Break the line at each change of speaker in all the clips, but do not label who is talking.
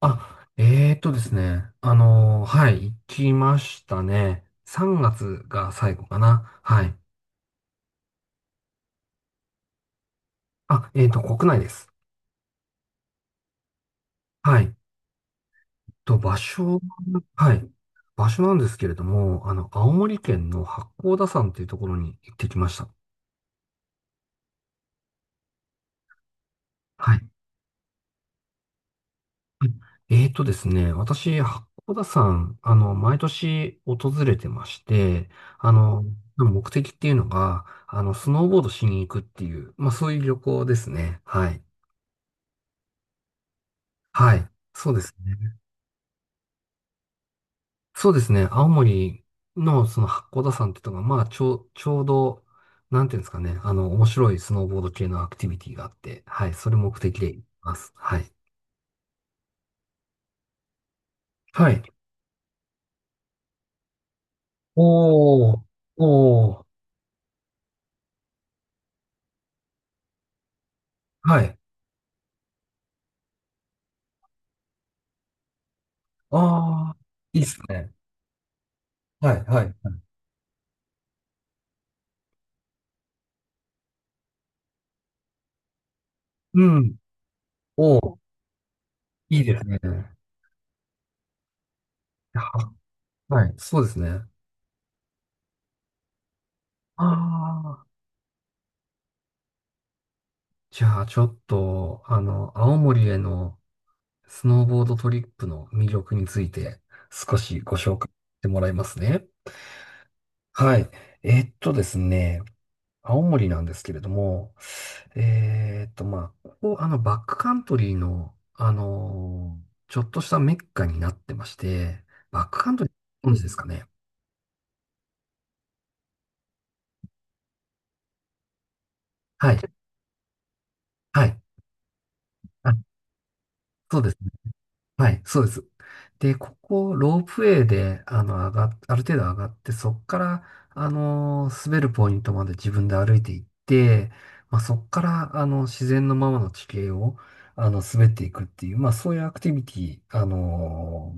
あ、えーとですね。はい、行きましたね。3月がつが最後かな。はい。あ、国内です。はい。と、場所、はい。場所なんですけれども、青森県の八甲田山というところに行ってきました。はい。えーとですね、私、八甲田山、毎年訪れてまして、あの、目的っていうのが、スノーボードしに行くっていう、まあ、そういう旅行ですね。はい。はい。そうですね。そうですね。青森のその八甲田山ってとこが、まあ、ちょうど、なんていうんですかね。面白いスノーボード系のアクティビティがあって、はい。それ目的で行きます。はい。はい。おー、おー、はい。ああ、いいっすね。はい、はい。はい、うん。おー、いいですね。は、はい、そうですね。ああ、じゃあ、ちょっと、青森への、スノーボードトリップの魅力について少しご紹介してもらいますね。はい。ですね、青森なんですけれども、まあ、ここ、バックカントリーの、ちょっとしたメッカになってまして、バックカントリー、ご存知ですかね。はい。はい。あ、そうです。はい、そうです。で、ここ、ロープウェイで、上がっ、ある程度上がって、そっから、滑るポイントまで自分で歩いていって、まあ、そっから、自然のままの地形を、滑っていくっていう、まあ、そういうアクティビティ、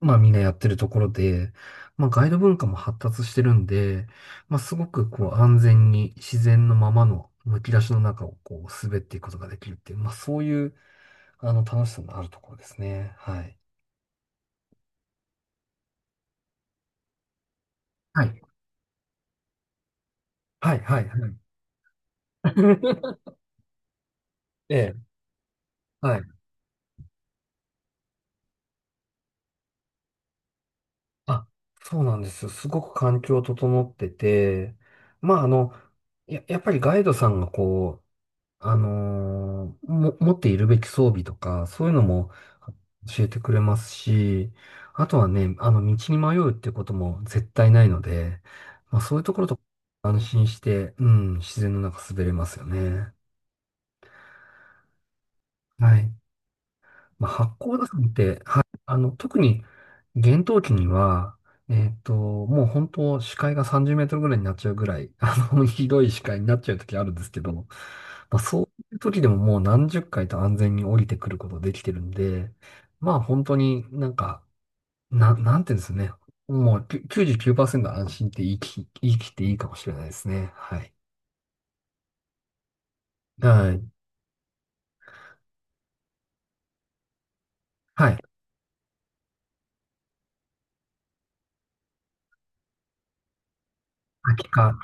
まあ、みんなやってるところで、まあ、ガイド文化も発達してるんで、まあ、すごく、こう、安全に自然のままの、むき出しの中を、こう、滑っていくことができるっていう、まあ、そういう、楽しさのあるところですね。はい。はい。はい、はい、はい。ええ、はい。あ、そうなんですよ。すごく環境整ってて、まあ、やっぱりガイドさんがこう、あのーも、持っているべき装備とか、そういうのも教えてくれますし、あとはね、道に迷うっていうことも絶対ないので、まあ、そういうところと安心して、うん、自然の中滑れますよね。はい。まあ、八甲田山って、はい、特に厳冬期には、もう本当視界が30メートルぐらいになっちゃうぐらい、ひどい視界になっちゃう時あるんですけど、まあ、そういう時でももう何十回と安全に降りてくることできてるんで、まあ本当になんか、なんていうんですね。もう99%安心って言い切っていいかもしれないですね。はい。はい。はい。秋か。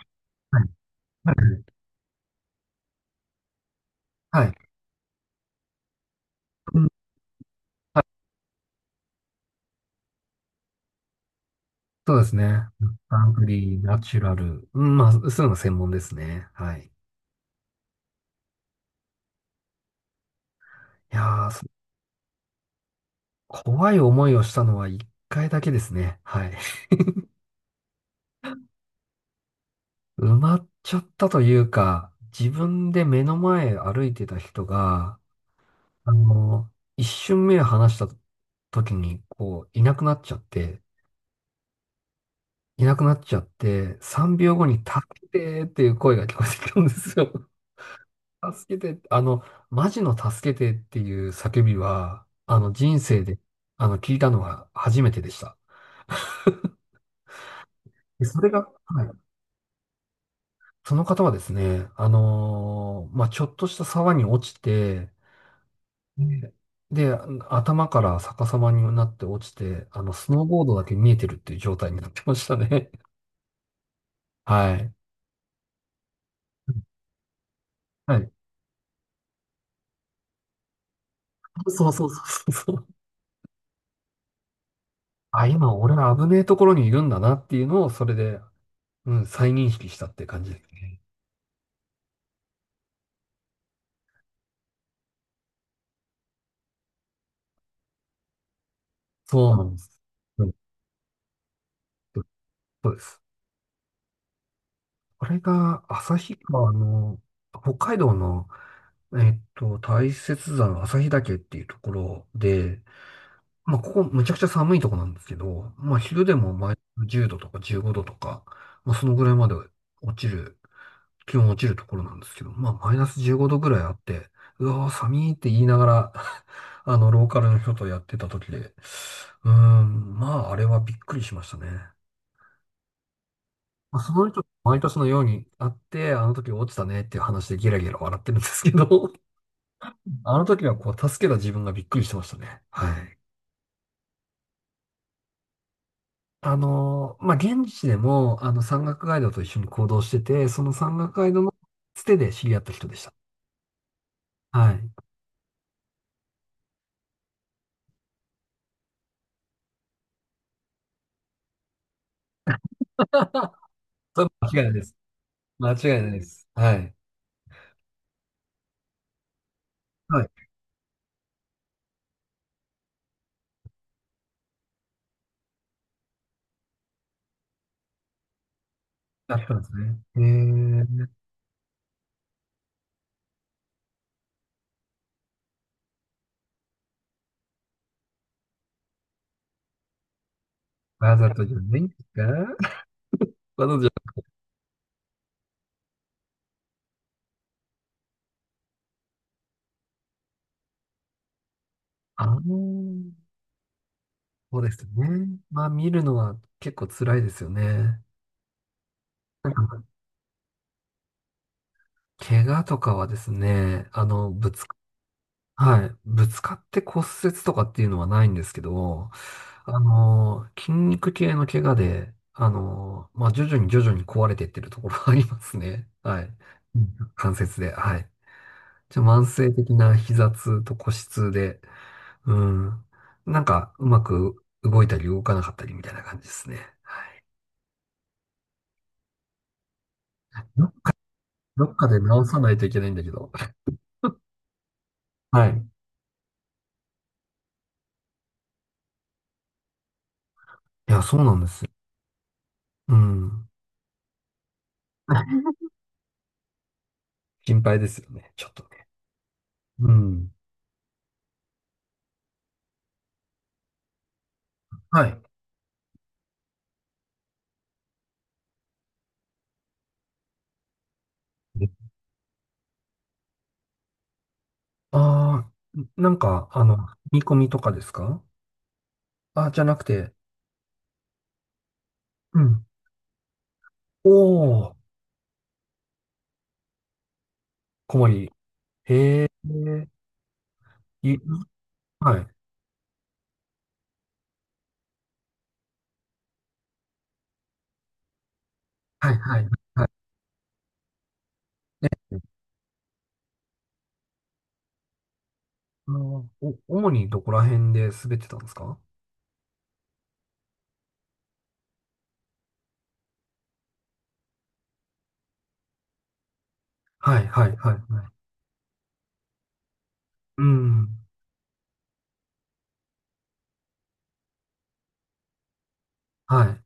はい。はい。はい。うん、そうですね。アングリー、ナチュラル。うん、まあ、そういうの専門ですね。はい。やー、そ怖い思いをしたのは一回だけですね。はい。埋まっちゃったというか、自分で目の前歩いてた人が、あの、一瞬目を離した時に、こう、いなくなっちゃって、いなくなっちゃって、3秒後に助けてーっていう声が聞こえてきたんですよ。助けて、マジの助けてっていう叫びは、人生で、聞いたのは初めてでした。で、それが、はい。その方はですね、まあ、ちょっとした沢に落ちて、で、で頭から逆さまになって落ちて、スノーボードだけ見えてるっていう状態になってましたね。はい。はい。そうそうそうそう。あ、今俺は危ねえところにいるんだなっていうのを、それで、うん、再認識したって感じですね。そうなんです。うん、そうです。あれが、旭川の、北海道の、大雪山旭岳っていうところで、まあ、ここむちゃくちゃ寒いとこなんですけど、まあ、昼でもマイナス10度とか15度とか、まあ、そのぐらいまで落ちる、気温落ちるところなんですけど、まあ、マイナス15度ぐらいあって、うわー、寒いって言いながら ローカルの人とやってた時で、うーん、まあ、あれはびっくりしましたね。まあ、その人、毎年のようにあって、あの時落ちたねっていう話でゲラゲラ笑ってるんですけど、あの時はこう、助けた自分がびっくりしてましたね。はい。まあ、現地でも、山岳ガイドと一緒に行動してて、その山岳ガイドのつてで知り合った人でした。はい。それ間違いないです。間違いないです。はい。はい。あったんですね。えー、わざとじゃないんですか？ わざとじゃ、あのーそうですよね。まあ、見るのは結構辛いですよね。怪我とかはですね、あの、ぶつか、はい、ぶつかって骨折とかっていうのはないんですけど、筋肉系の怪我で、まあ、徐々に徐々に壊れていってるところがありますね。はい。うん、関節で、はい。じゃ、慢性的な膝痛と腰痛で、うん。なんか、うまく動いたり動かなかったりみたいな感じですね。ど、どっかで直さないといけないんだけど。はい。いや、そうなんですよ。うん。心配ですよね。ちょっとね。うん。はい。ああ、なんか、見込みとかですか？あ、じゃなくて、うん。おー、小森。え、い、はい、はい、はい。はい。主にどこら辺で滑ってたんですか？はい、はい、はい、はい。うん。はい。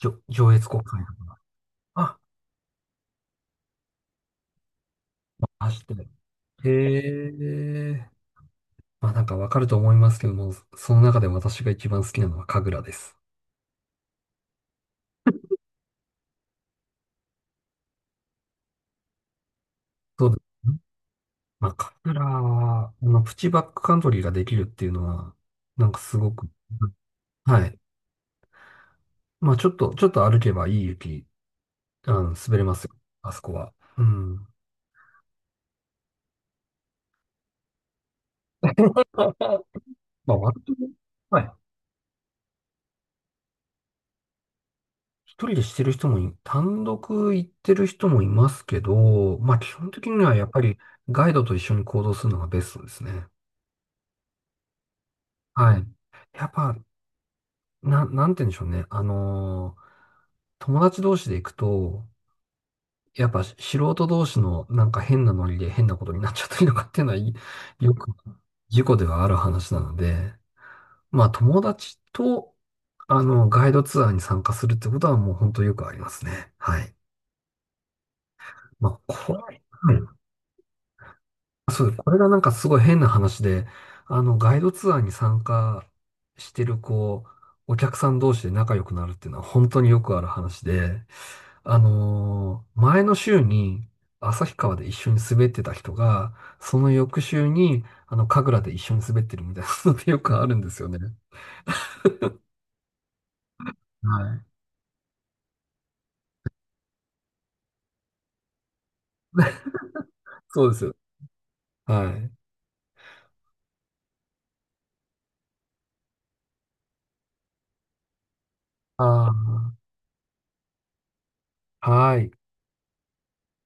じょ、上越国会。あ、走ってる。へえ。まあなんかわかると思いますけども、その中で私が一番好きなのは神楽です。そうです。まあ、カフラは、まあの、プチバックカントリーができるっていうのは、なんかすごく、はい。まあ、ちょっと歩けばいい雪、滑れますよ。あそこは。うん。まあ、割と、はい。一人でしてる人もい、単独行ってる人もいますけど、まあ、基本的にはやっぱりガイドと一緒に行動するのがベストですね。はい。やっぱ、なんて言うんでしょうね。友達同士で行くと、やっぱ素人同士のなんか変なノリで変なことになっちゃったりとかっていうのは、よく事故ではある話なので、まあ友達と、ガイドツアーに参加するってことはもう本当よくありますね。はい。まあ、これ、はい、そうです。これがなんかすごい変な話で、ガイドツアーに参加してるお客さん同士で仲良くなるっていうのは本当によくある話で、前の週に旭川で一緒に滑ってた人が、その翌週に、神楽で一緒に滑ってるみたいなのってよくあるんですよね。はい。そうです。はい。ああ、はい。